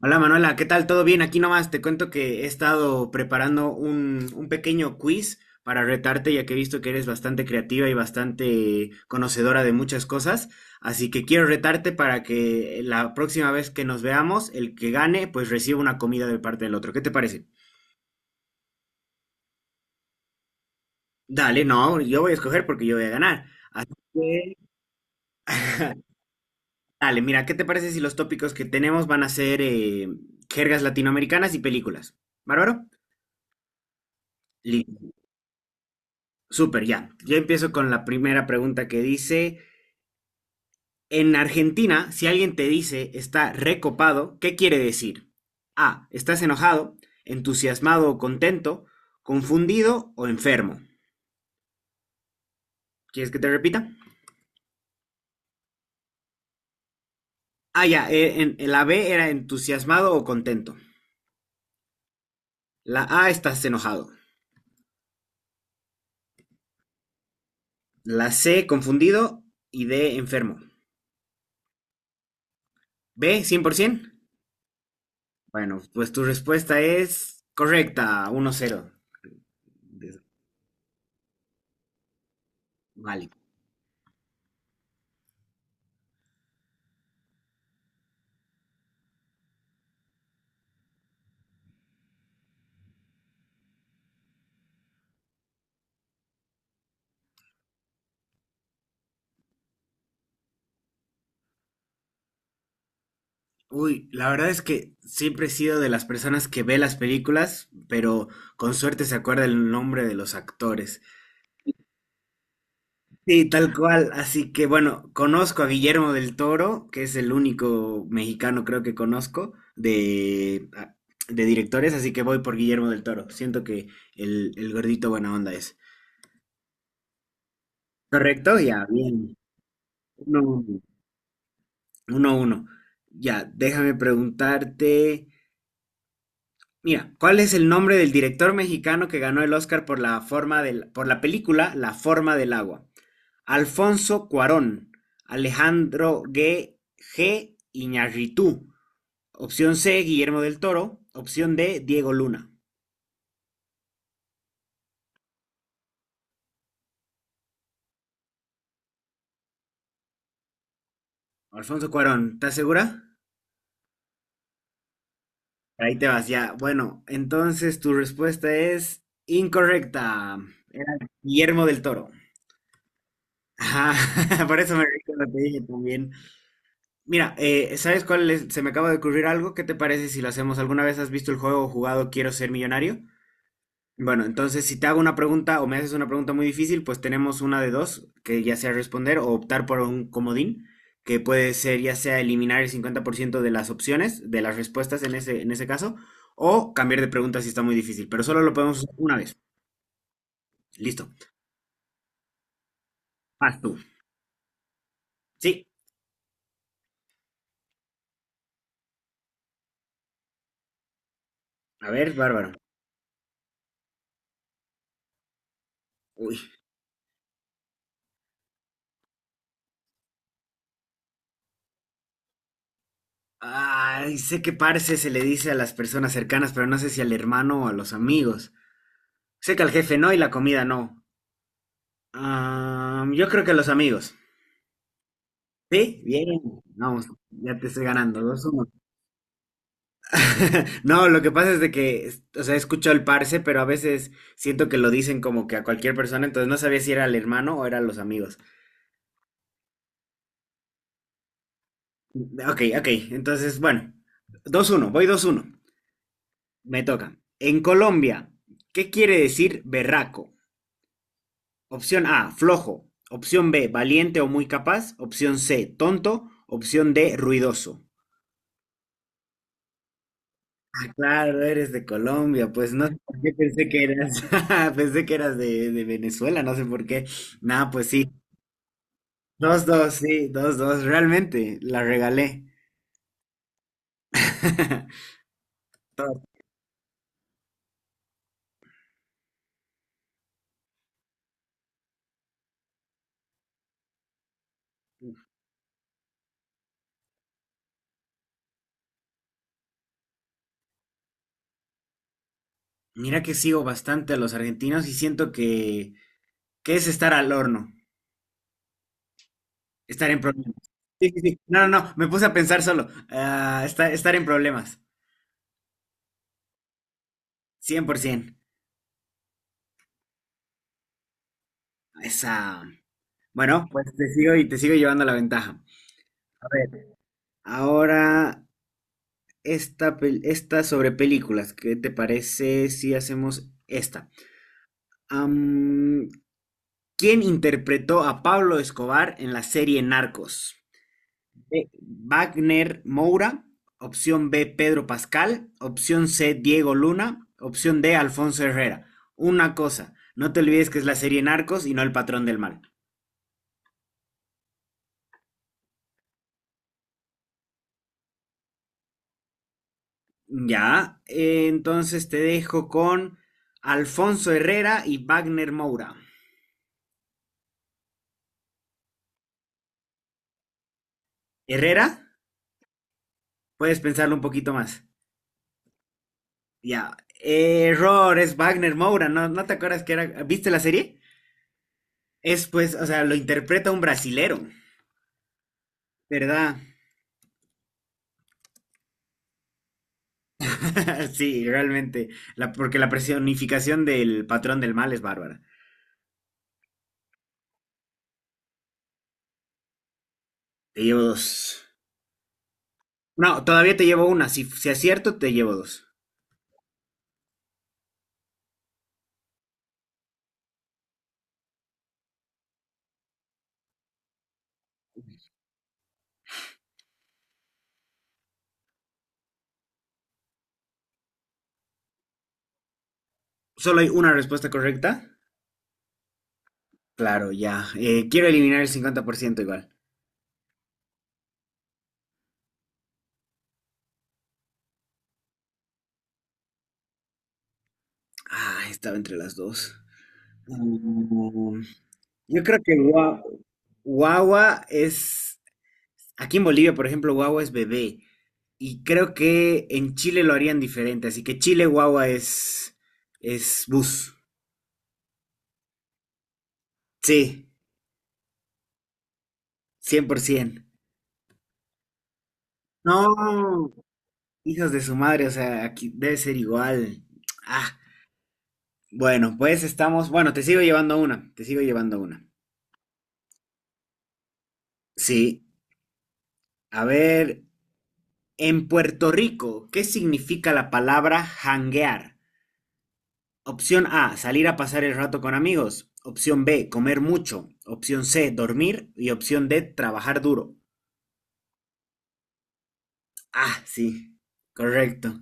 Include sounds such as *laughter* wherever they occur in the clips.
Hola Manuela, ¿qué tal? ¿Todo bien? Aquí nomás te cuento que he estado preparando un pequeño quiz para retarte, ya que he visto que eres bastante creativa y bastante conocedora de muchas cosas. Así que quiero retarte para que la próxima vez que nos veamos, el que gane, pues reciba una comida de parte del otro. ¿Qué te parece? Dale, no, yo voy a escoger porque yo voy a ganar. Así que, *laughs* dale, mira, ¿qué te parece si los tópicos que tenemos van a ser jergas latinoamericanas y películas? ¿Bárbaro? Súper, ya. Yo empiezo con la primera pregunta que dice, en Argentina, si alguien te dice está recopado, ¿qué quiere decir? A, estás enojado, entusiasmado o contento, confundido o enfermo. ¿Quieres que te repita? Ah, ya, en la B era entusiasmado o contento. La A estás enojado. La C confundido y D enfermo. B 100%. Bueno, pues tu respuesta es correcta, 1-0. Vale. Uy, la verdad es que siempre he sido de las personas que ve las películas, pero con suerte se acuerda el nombre de los actores. Sí, tal cual. Así que bueno, conozco a Guillermo del Toro, que es el único mexicano creo que conozco de directores, así que voy por Guillermo del Toro. Siento que el gordito buena onda es. ¿Correcto? Ya, bien. Uno, uno, uno. Uno. Ya, déjame preguntarte. Mira, ¿cuál es el nombre del director mexicano que ganó el Oscar por la película La forma del agua? Alfonso Cuarón, Alejandro G. Iñárritu. Opción C, Guillermo del Toro. Opción D, Diego Luna. Alfonso Cuarón, ¿estás segura? Ahí te vas, ya. Bueno, entonces tu respuesta es incorrecta. Era Guillermo del Toro. Ajá, *laughs* por eso me reí cuando te dije también. Mira, ¿sabes cuál es? Se me acaba de ocurrir algo. ¿Qué te parece si lo hacemos? ¿Alguna vez has visto el juego o jugado Quiero ser millonario? Bueno, entonces si te hago una pregunta o me haces una pregunta muy difícil, pues tenemos una de dos, que ya sea responder o optar por un comodín, que puede ser ya sea eliminar el 50% de las opciones, de las respuestas en ese caso, o cambiar de pregunta si está muy difícil, pero solo lo podemos usar una vez. Listo. Vas tú. Sí. A ver, bárbaro. Uy. Ay, sé que parce se le dice a las personas cercanas, pero no sé si al hermano o a los amigos. Sé que al jefe no y la comida no. Ah, yo creo que a los amigos. ¿Sí? Bien. Vamos, ya te estoy ganando. 2-1. *laughs* No, lo que pasa es de que, o sea, he escuchado el parce, pero a veces siento que lo dicen como que a cualquier persona, entonces no sabía si era al hermano o eran los amigos. Ok, ok, entonces, bueno, dos uno. Voy 2-1. Me toca. En Colombia, ¿qué quiere decir berraco? Opción A, flojo. Opción B, valiente o muy capaz. Opción C, tonto. Opción D, ruidoso. Ah, claro, eres de Colombia, pues no sé por qué pensé que eras, *laughs* pensé que eras de Venezuela, no sé por qué. Nada, pues sí, dos, dos, realmente, la regalé. *laughs* Todo. Mira que sigo bastante a los argentinos y siento que es estar al horno, estar en problemas. Sí, sí, sí. No, no, no, me puse a pensar solo, estar en problemas, 100%. Esa. Bueno, pues te sigo y te sigo llevando la ventaja. A ver, ahora esta sobre películas. ¿Qué te parece si hacemos esta? Am, ¿Quién interpretó a Pablo Escobar en la serie Narcos? B. Wagner Moura. Opción B, Pedro Pascal. Opción C, Diego Luna. Opción D, Alfonso Herrera. Una cosa, no te olvides que es la serie Narcos y no El Patrón del Mal. Ya, entonces te dejo con Alfonso Herrera y Wagner Moura. ¿Herrera? Puedes pensarlo un poquito más. Ya. Error, es Wagner Moura, ¿no te acuerdas que era? ¿Viste la serie? Es pues, o sea, lo interpreta un brasilero, ¿verdad? *laughs* Sí, realmente. Porque la personificación del patrón del mal es bárbara. Te llevo dos. No, todavía te llevo una. Si acierto, te llevo dos. Solo hay una respuesta correcta. Claro, ya. Quiero eliminar el 50% igual. Ah, estaba entre las dos. Mm, Yo creo que guagua es. Aquí en Bolivia, por ejemplo, guagua es bebé. Y creo que en Chile lo harían diferente. Así que Chile guagua es bus. Sí, 100%. No, hijos de su madre, o sea, aquí debe ser igual. Ah, bueno, pues estamos. Bueno, te sigo llevando una. Te sigo llevando una. Sí. A ver, en Puerto Rico, ¿qué significa la palabra janguear? Opción A, salir a pasar el rato con amigos. Opción B, comer mucho. Opción C, dormir. Y opción D, trabajar duro. Ah, sí, correcto.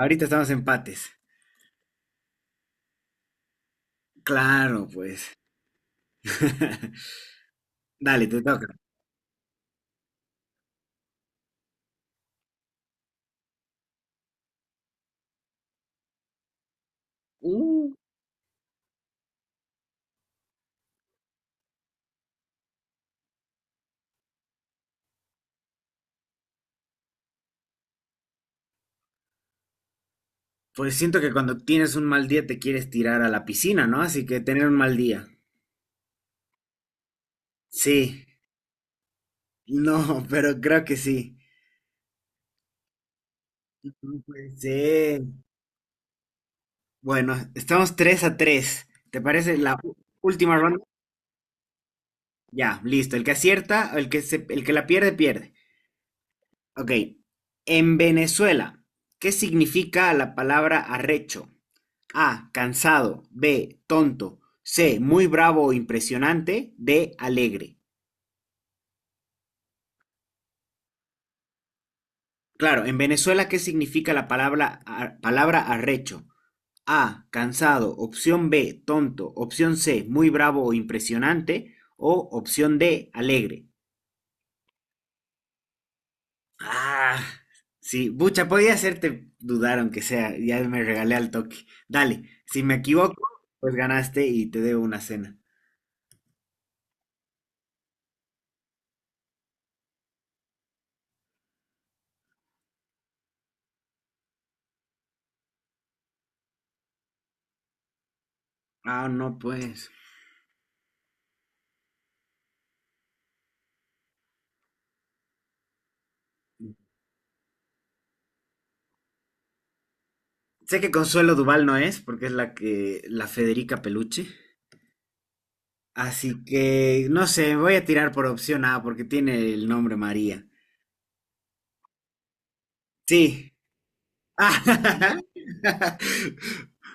Ahorita estamos empates. Claro, pues. *laughs* Dale, te toca. Uh, pues siento que cuando tienes un mal día te quieres tirar a la piscina, ¿no? Así que tener un mal día. Sí, no, pero creo que sí. No puede ser. Bueno, estamos 3-3. ¿Te parece la última ronda? Ya, listo. El que acierta, el que la pierde, pierde. Ok. En Venezuela, ¿qué significa la palabra arrecho? A, cansado. B, tonto. C, muy bravo o impresionante. D, alegre. Claro, en Venezuela, ¿qué significa la palabra arrecho? A, cansado. Opción B, tonto. Opción C, muy bravo o impresionante. O opción D, alegre. Ah, sí, bucha, podía hacerte dudar, aunque sea, ya me regalé al toque. Dale, si me equivoco, pues ganaste y te debo una cena. Ah, no, pues. Sé que Consuelo Duval no es, porque es la que, la Federica Peluche. Así que, no sé, voy a tirar por opción A, porque tiene el nombre María. Sí, ah, *laughs*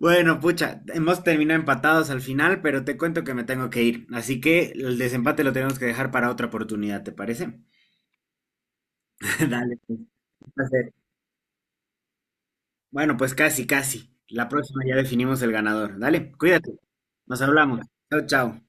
bueno, pucha, hemos terminado empatados al final, pero te cuento que me tengo que ir. Así que el desempate lo tenemos que dejar para otra oportunidad, ¿te parece? *laughs* Dale, pues, un placer. Bueno, pues casi, casi. La próxima ya definimos el ganador. Dale, cuídate. Nos hablamos. Chao, chao.